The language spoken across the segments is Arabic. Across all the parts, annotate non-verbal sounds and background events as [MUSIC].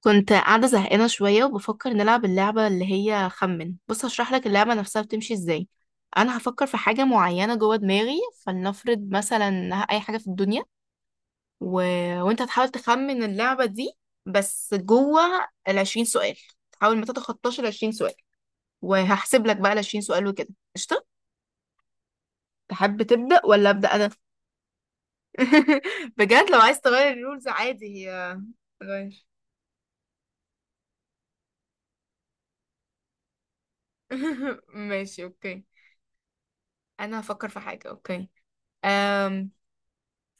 كنت قاعدة زهقانة شوية وبفكر نلعب اللعبة اللي هي خمن. بص، هشرح لك اللعبة نفسها بتمشي ازاي. أنا هفكر في حاجة معينة جوه دماغي، فلنفرض مثلا إنها أي حاجة في الدنيا. و... وأنت هتحاول تخمن اللعبة دي، بس جوه العشرين سؤال، تحاول ما تتخطاش العشرين سؤال. وهحسب لك بقى العشرين سؤال وكده. قشطة. تحب تبدأ ولا أبدأ أنا؟ [LAUGHS] بجد لو عايز تغير الرولز عادي، هي غير. [LAUGHS] ماشي، أوكي. أنا هفكر في حاجة، أوكي.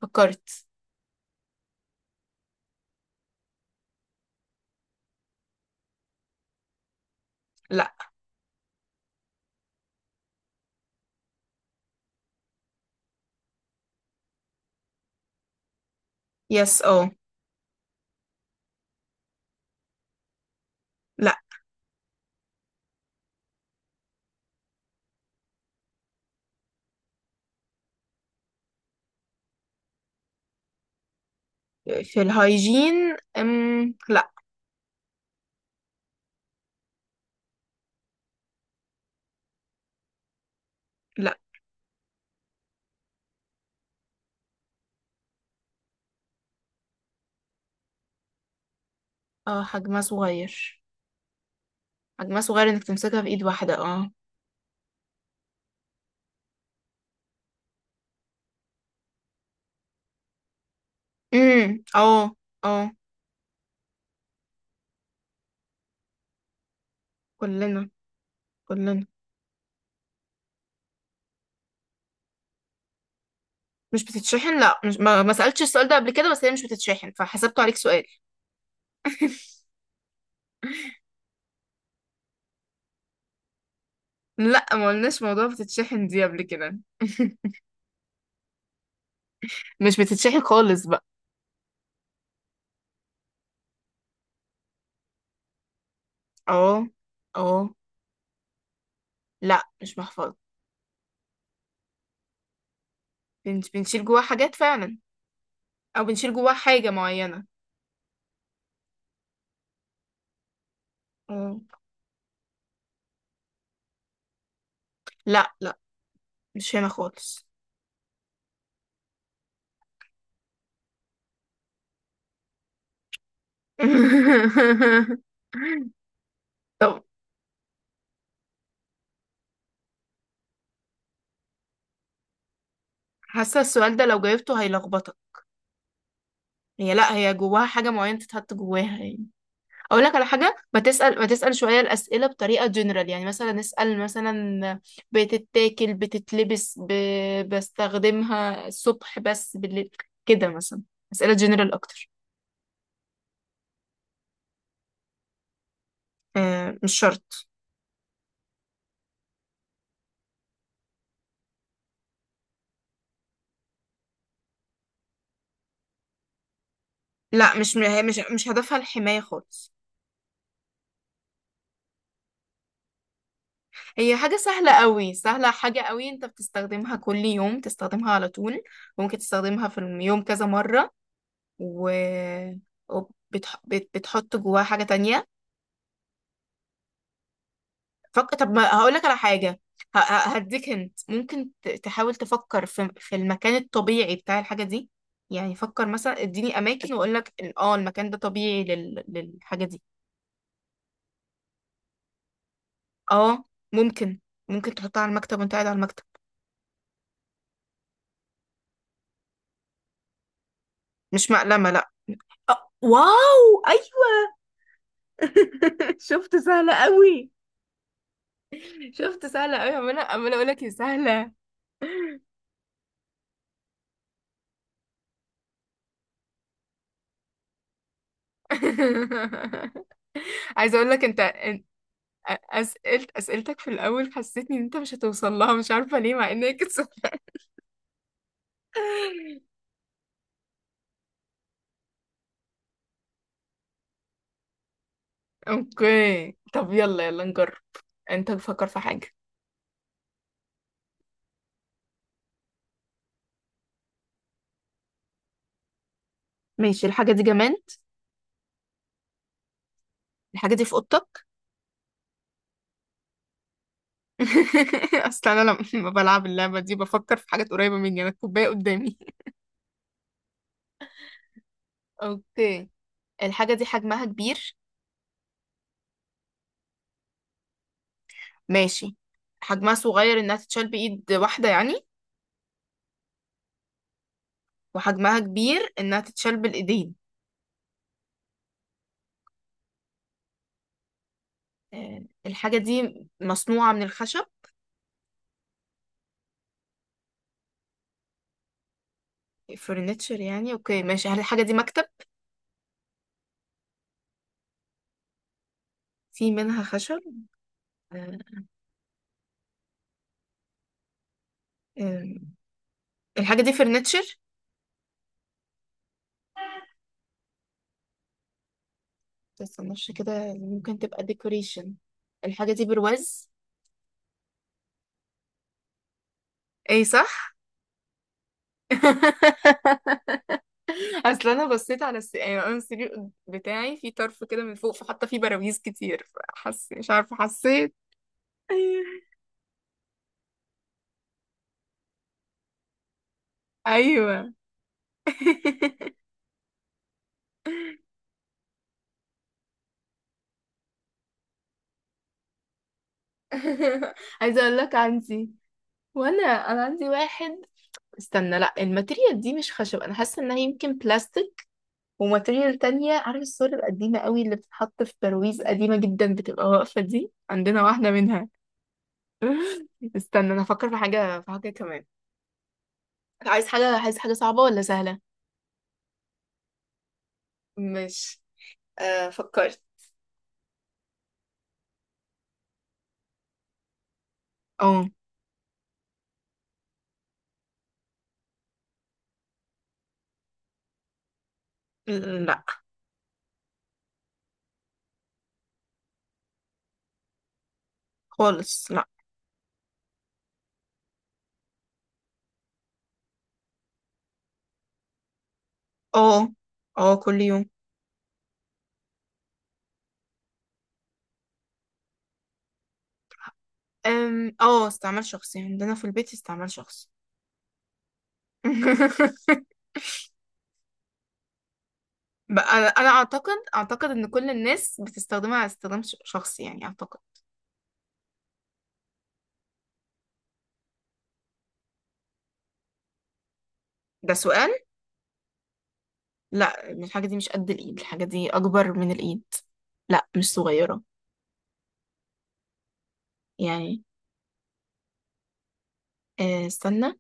فكرت. لا. يس، اه. لا. في الهايجين، لا. لا. اه، حجمها صغير. حجمها صغير انك تمسكها في ايد واحدة، اه. اه. اه. كلنا، كلنا. مش بتتشحن، لا. مش ما سألتش السؤال ده قبل كده، بس هي مش بتتشحن، فحسبته عليك سؤال. [LAUGHS] لا، ما قلناش موضوع بتتشحن دي قبل كده. [LAUGHS] مش بتتشحن خالص بقى. اه، اه. لا، مش محفظة. بنشيل جواها حاجات فعلا، او بنشيل جواها حاجة معينة. اه. لا، لا، مش هنا خالص. [LAUGHS] طب، حاسه السؤال ده لو جاوبته هيلخبطك. هي، لا، هي جواها حاجه معينه تتحط جواها يعني. اقول لك على حاجه، ما تسال شويه الاسئله بطريقه جنرال، يعني مثلا اسال مثلا: بتتاكل، بتتلبس، بستخدمها الصبح بس بالليل، كده مثلا. اسئله جنرال اكتر. آه، مش شرط. لا، مش هي، مش هدفها الحمايه خالص. هي حاجة سهلة قوي، سهلة حاجة قوي، انت بتستخدمها كل يوم، تستخدمها على طول. ممكن تستخدمها في اليوم كذا مرة. و... وبتح... بت... بتحط جواها حاجة تانية. طب، ما هقولك على حاجة. هديك هنت، ممكن تحاول تفكر في المكان الطبيعي بتاع الحاجة دي. يعني فكر مثلا، اديني اماكن واقولك المكان ده طبيعي للحاجة دي. اه، ممكن. ممكن تحطها على المكتب وانت قاعد على المكتب. مش مقلمة، لا. آه، واو، أيوه! [LAUGHS] شفت، سهلة قوي. شفت سهلة قوي، عمالة عمالة اقول لك يا سهلة. [LAUGHS] عايزة اقول لك انت، أسئلتك في الأول حسيتني إن أنت مش هتوصل لها، مش عارفة ليه مع إنك سهلة. [LAUGHS] أوكي، طب يلا يلا نجرب. أنت فكر في حاجة. ماشي، الحاجة دي جماد؟ الحاجة دي في أوضتك؟ [LAUGHS] اصل انا لما بلعب اللعبه دي بفكر في حاجات قريبه مني، انا الكوبايه قدامي. [LAUGHS] اوكي. الحاجه دي حجمها كبير؟ ماشي، حجمها صغير انها تتشال بايد واحدة يعني، وحجمها كبير انها تتشال بالايدين. آه، الحاجة دي مصنوعة من الخشب؟ فرنتشر يعني، اوكي ماشي، هل الحاجة دي مكتب؟ في منها خشب. آه. آم، الحاجة دي فرنتشر؟ متستناش كده، ممكن تبقى ديكوريشن. الحاجة دي برواز؟ اي صح. [LAUGHS] اصل انا بصيت على يعني انا السرير بتاعي في طرف كده من فوق، فحاطه فيه براويز كتير. فحس، مش عارفه حسيت. [LAUGHS] ايوه. [LAUGHS] عايزه اقول لك عندي، وانا عندي واحد. استنى، لا، الماتيريال دي مش خشب، انا حاسه انها يمكن بلاستيك. وماتيريال تانية، عارف الصور القديمه قوي اللي بتتحط في ترويز قديمه جدا بتبقى واقفه، دي عندنا واحده منها. [LAUGHS] استنى انا افكر في حاجه كمان. عايز حاجه صعبه ولا سهله؟ مش. آه، فكرت. اه. لا خالص. لا. اه، اه، كل يوم. اه، استعمال شخصي، عندنا في البيت استعمال شخصي. [LAUGHS] بقى انا اعتقد ان كل الناس بتستخدمها على استخدام شخصي يعني اعتقد. ده سؤال. لا، الحاجه دي مش قد الايد، الحاجه دي اكبر من الايد. لا، مش صغيره. يعني، آه، استنى.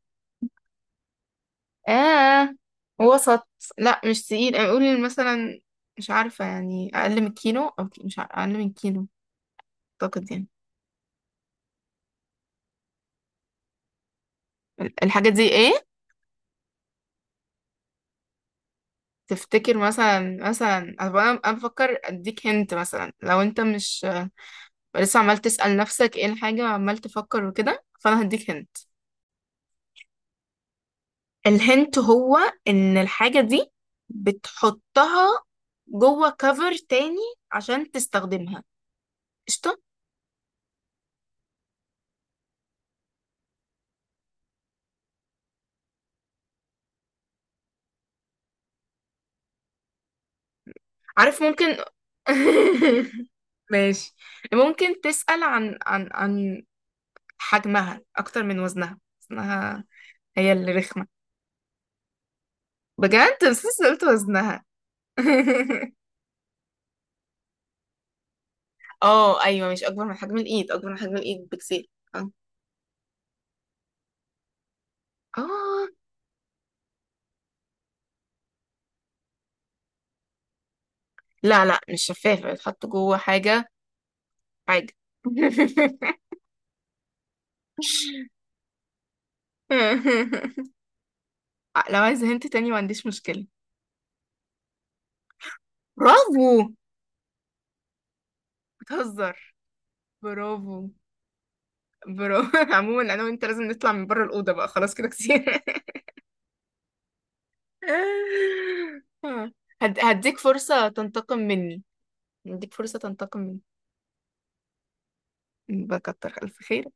اه، وسط. لا، مش تقيل، اقول مثلا، مش عارفه يعني اقل من كيلو او مش عارفة اقل من كيلو، اعتقد يعني. الحاجه دي ايه؟ تفتكر مثلا انا بفكر اديك هنت، مثلا لو انت مش لسه عمال تسأل نفسك ايه الحاجة وعمال تفكر وكده، فانا هديك هنت. الهنت هو ان الحاجة دي بتحطها جوه كفر تاني عشان تستخدمها. قشطة. عارف، ممكن. [LAUGHS] ماشي، ممكن تسأل عن حجمها اكتر من وزنها. هي اللي رخمة. بجد، بس لسه قلت وزنها. [LAUGHS] اه، ايوه، مش اكبر من حجم الايد، اكبر من حجم الايد بكتير. اه. آه، لا، لا، مش شفافة، بتحط جوه حاجة، حاجة. [LAUGHS] لو عايز هنت تاني ما عنديش مشكلة. برافو. بتهزر. برافو، برافو. [LAUGHS] عموما انا وانت لازم نطلع من بره الأوضة بقى، خلاص كده كتير. [LAUGHS] هديك فرصة تنتقم مني. هديك فرصة تنتقم مني بكتر ألف خير.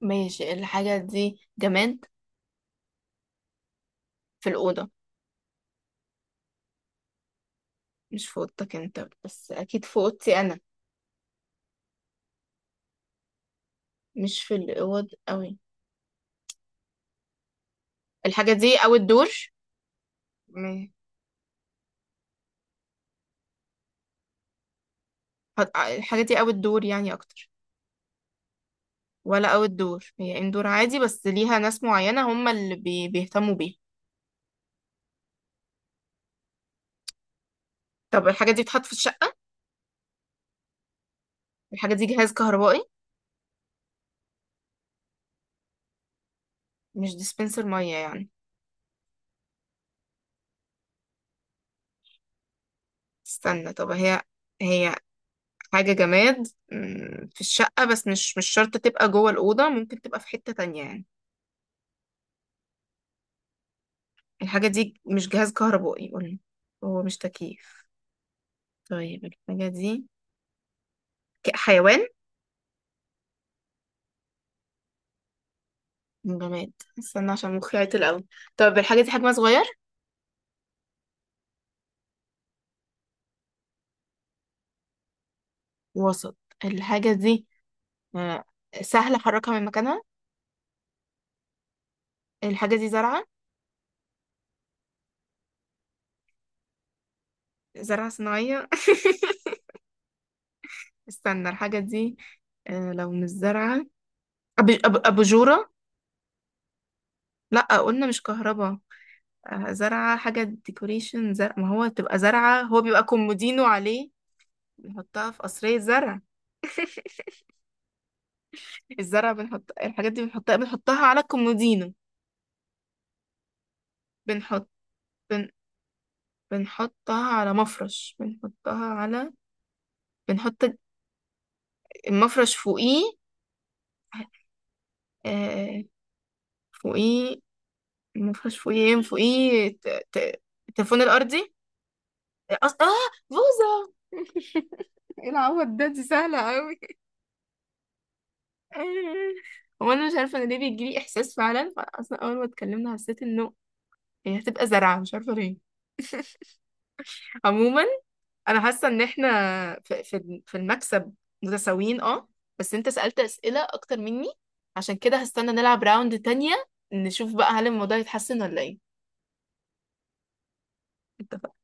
ماشي، الحاجة دي جماد؟ في الأوضة؟ مش في أوضتك أنت بس، أكيد في أوضتي أنا. مش في الأوض أوي. الحاجة دي او الدور؟ م- الحاجة دي او الدور يعني اكتر، ولا او الدور هي اندور عادي بس ليها ناس معينة هم اللي بيهتموا بيها؟ طب الحاجة دي بتتحط في الشقة؟ الحاجة دي جهاز كهربائي؟ مش ديسبنسر مية يعني؟ استنى، طب هي حاجة جماد، في الشقة بس مش شرط تبقى جوه الأوضة، ممكن تبقى في حتة تانية يعني. الحاجة دي مش جهاز كهربائي قولي. هو مش تكييف؟ طيب الحاجة دي حيوان؟ جماد. استنى عشان مخي عطل قوي. طب الحاجة دي حجمها صغير؟ وسط. الحاجة دي، آه، سهل أحركها من مكانها؟ الحاجة دي زرعة؟ زرعة صناعية؟ [LAUGHS] استنى الحاجة دي، آه، لو مش زرعة، أباجورة؟ لأ قلنا مش كهربا. آه، زرعة حاجة ديكوريشن، زرع، ما هو تبقى زرعة هو بيبقى كومودينو عليه. بنحطها في قصرية زرع. الزرع بنحط الحاجات دي، بنحطها على الكومودينو. بنحط بن... بنحطها على مفرش، بنحطها على، بنحط المفرش فوقيه. آه، فوقيه. المفرش فوقيه ايه، فوقيه التليفون الأرضي. اه، بوظة. ايه العوض ده، دي سهلة قوي! آه. [LAUGHS] هو انا مش عارفة انا ليه بيجيلي احساس فعلا، فأنا اصلا اول ما اتكلمنا حسيت انه هي هتبقى زرعة، مش عارفة ليه. [LAUGHS] عموما، انا حاسة ان احنا في المكسب متساويين، اه. بس انت سألت أسئلة اكتر مني، عشان كده هستنى نلعب راوند تانية، نشوف بقى هل الموضوع يتحسن ولا ايه. اتفقنا.